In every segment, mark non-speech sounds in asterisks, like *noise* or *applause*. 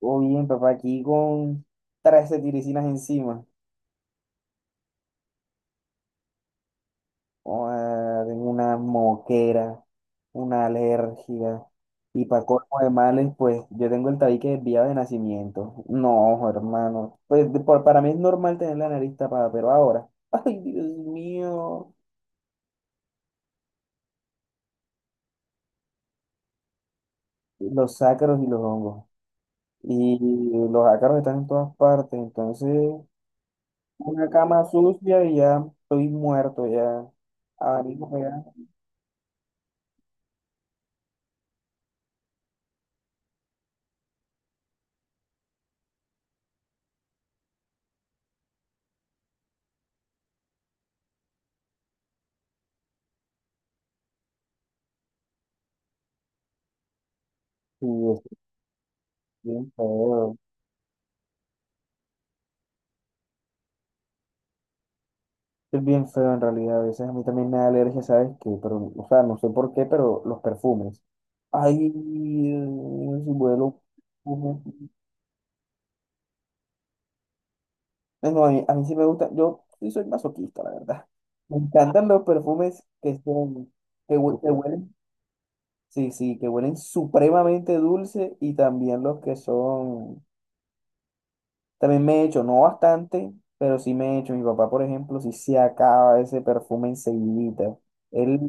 Todo bien, papá, aquí con 13 tiricinas encima. Joda, tengo una moquera, una alergia. Y para colmo de males, pues yo tengo el tabique desviado de nacimiento. No, hermano. Pues para mí es normal tener la nariz tapada, pero ahora. *laughs* Ay, Dios mío. Los ácaros y los hongos. Y los ácaros están en todas partes. Entonces, una cama sucia y ya estoy muerto, ya. Abanico pegado. Sí, eso es bien feo. Es bien feo en realidad, a veces a mí también me da alergia, ¿sabes qué? Pero, o sea, no sé por qué, pero los perfumes. Ay, si vuelo. Ujú. No, a mí sí me gusta, yo sí soy masoquista, la verdad. Me encantan los perfumes que son, que huelen, sí, sí, que huelen supremamente dulce y también los que son, también me he hecho, no bastante, pero sí me he hecho. Mi papá, por ejemplo, sí se acaba ese perfume enseguidita. Él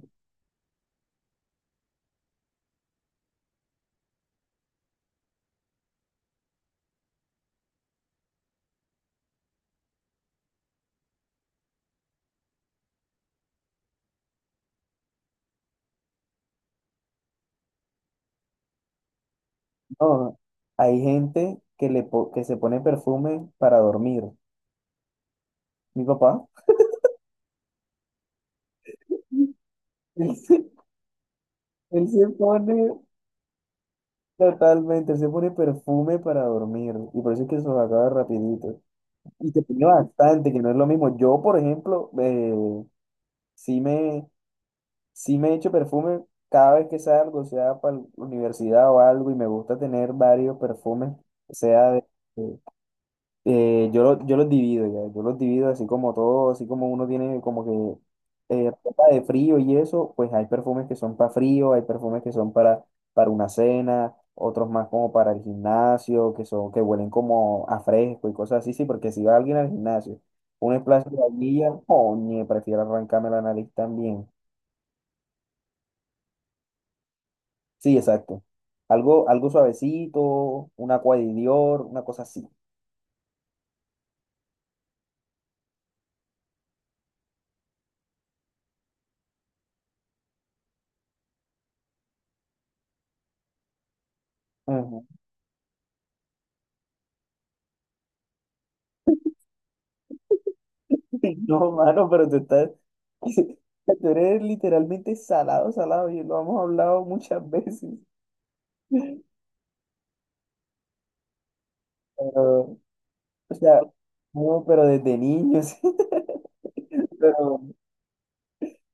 No, hay gente que se pone perfume para dormir. Mi papá, *laughs* él se, él se pone él se pone perfume para dormir. Y por eso es que se los acaba rapidito. Y se pone bastante, que no es lo mismo. Yo, por ejemplo, sí me, sí me echo perfume cada vez que salgo, sea para la universidad o algo, y me gusta tener varios perfumes, sea de, yo los divido ya, yo los divido así como todo, así como uno tiene como que ropa de frío y eso, pues hay perfumes que son para frío, hay perfumes que son para una cena, otros más como para el gimnasio, que son, que huelen como a fresco y cosas así, sí, porque si va alguien al gimnasio, un splash de vainilla, oye, prefiero arrancarme la nariz también. Sí, exacto. Algo suavecito, una Aqua de Dior, una cosa así. *laughs* No, mano, pero tú estás, *laughs* tú eres literalmente salado, salado, y lo hemos hablado muchas *laughs* veces. Pero, o sea, no, pero desde niños, *laughs* pero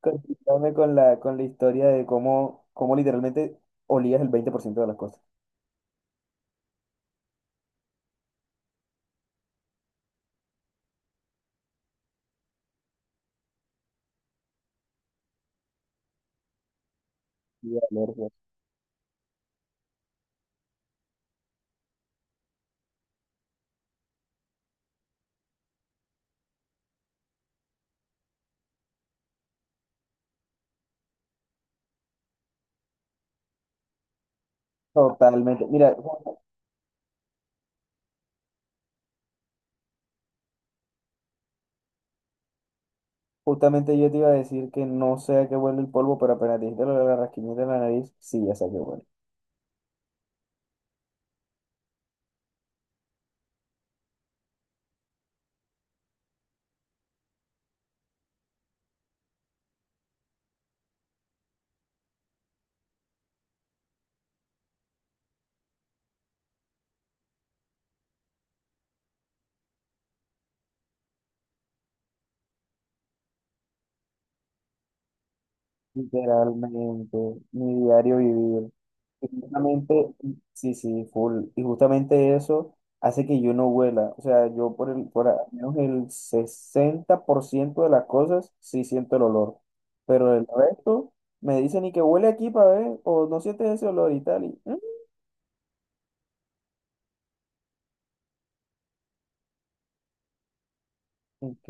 continuame con la historia de cómo literalmente olías el 20% de las cosas. Y alergias. Totalmente. Mira, justamente yo te iba a decir que no sé a qué huele el polvo, pero apenas dijiste lo de la rasquiñita en la nariz, sí, ya sé a qué huele. Literalmente, mi diario vivir. Y justamente, sí, sí, full. Y justamente eso hace que yo no huela. O sea, yo por al menos el 60% de las cosas sí siento el olor. Pero el resto me dicen y que huele aquí para ver, o no sientes ese olor y tal. Y, "Mm, ok."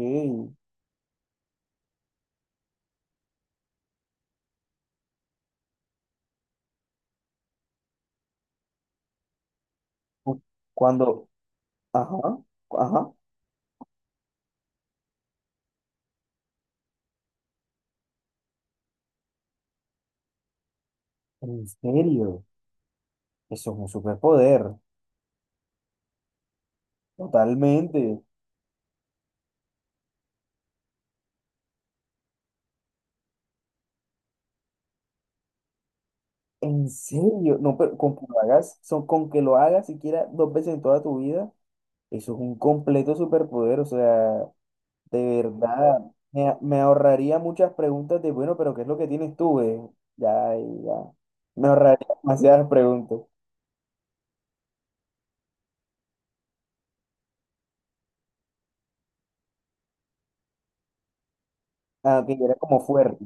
Cu- Cuando, ajá, ajá, en serio, eso es un superpoder, totalmente. En serio, no, pero con que lo hagas, son, con que lo hagas siquiera dos veces en toda tu vida, eso es un completo superpoder, o sea, de verdad, me ahorraría muchas preguntas de, bueno, pero ¿qué es lo que tienes tú, eh? Ya, ya, me ahorraría demasiadas preguntas. Ah, que era como fuerte.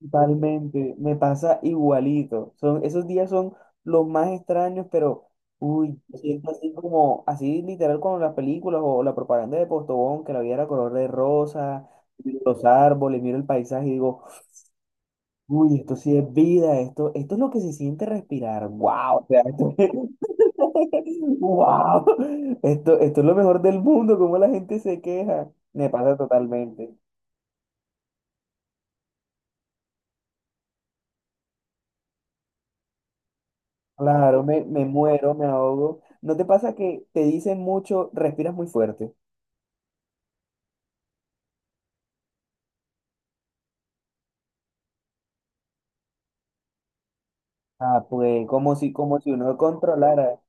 Totalmente, me pasa igualito. Son, esos días son los más extraños, pero uy, me siento así como, así literal como las películas o la propaganda de Postobón, que la vida era color de rosa, miro los árboles, miro el paisaje y digo, uy, esto sí es vida, esto es lo que se siente respirar. Wow, o sea, *laughs* wow, esto es lo mejor del mundo, como la gente se queja. Me pasa totalmente. Claro, me muero, me ahogo. ¿No te pasa que te dicen mucho, respiras muy fuerte? Ah, pues como si uno controlara,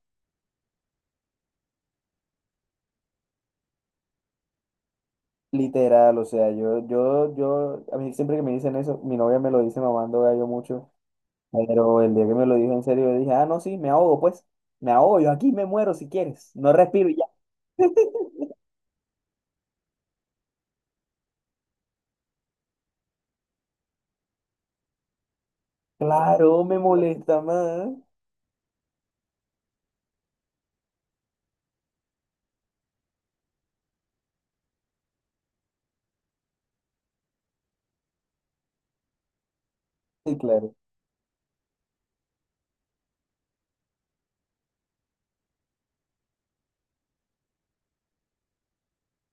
literal, o sea, a mí siempre que me dicen eso, mi novia me lo dice mamando gallo mucho, pero el día que me lo dijo en serio, yo dije, ah, no, sí, me ahogo, pues, me ahogo, yo aquí me muero si quieres, no respiro y ya. Claro, me molesta más. Sí, claro.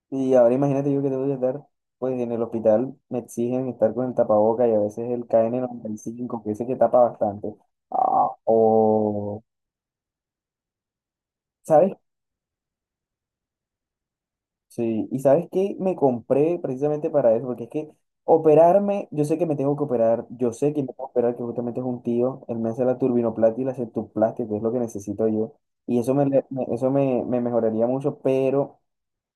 Y ahora imagínate yo que tengo que estar, pues en el hospital me exigen estar con el tapaboca y a veces el KN95 que ese que tapa bastante. Ah, o, ¿sabes? Sí, y ¿sabes qué? Me compré precisamente para eso, porque es que operarme, yo sé que me tengo que operar, yo sé que me tengo que operar, que justamente es un tío, él me hace la turbinoplastia y la septoplastia, que es lo que necesito yo, y eso me mejoraría mucho, pero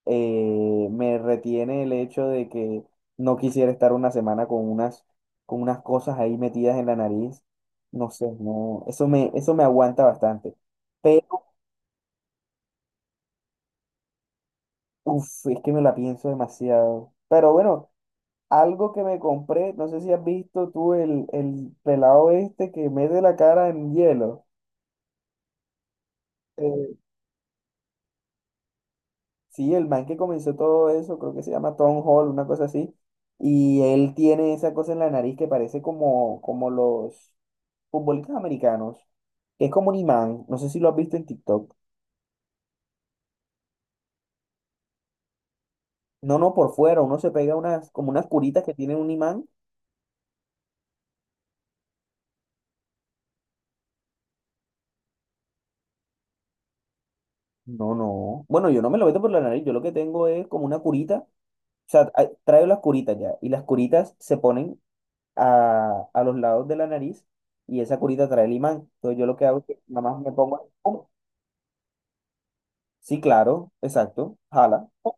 me retiene el hecho de que no quisiera estar una semana con unas cosas ahí metidas en la nariz. No sé, no, eso me aguanta bastante. Pero, uff, es que me la pienso demasiado. Pero bueno, algo que me compré, no sé si has visto tú el pelado este que mete la cara en hielo. Eh, sí, el man que comenzó todo eso, creo que se llama Tom Hall, una cosa así. Y él tiene esa cosa en la nariz que parece como los, futbolistas americanos, que es como un imán, no sé si lo has visto en TikTok. No, no, por fuera, uno se pega unas, como unas curitas que tienen un imán. No, no. Bueno, yo no me lo meto por la nariz, yo lo que tengo es como una curita. O sea, traigo las curitas ya, y las curitas se ponen a los lados de la nariz, y esa curita trae el imán. Entonces yo lo que hago es que nada más me pongo. ¡Pum! Sí, claro, exacto, jala. ¡Pum!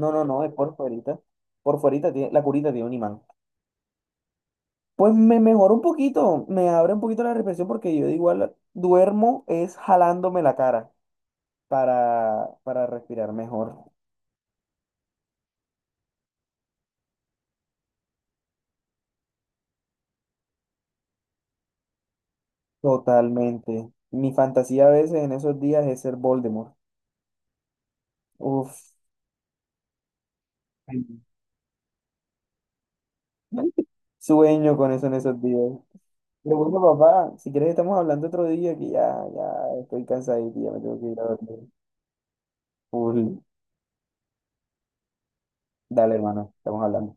No, no, no, es por fuerita. Por fuerita tiene, la curita tiene un imán. Pues me mejora un poquito, me abre un poquito la respiración porque yo de igual duermo es jalándome la cara para respirar mejor. Totalmente. Mi fantasía a veces en esos días es ser Voldemort. Uf, *laughs* sueño con eso en esos días. Pero bueno, papá, si quieres estamos hablando otro día que ya, ya estoy cansadito y ya me tengo que ir a dormir. Full. Dale, hermano, estamos hablando.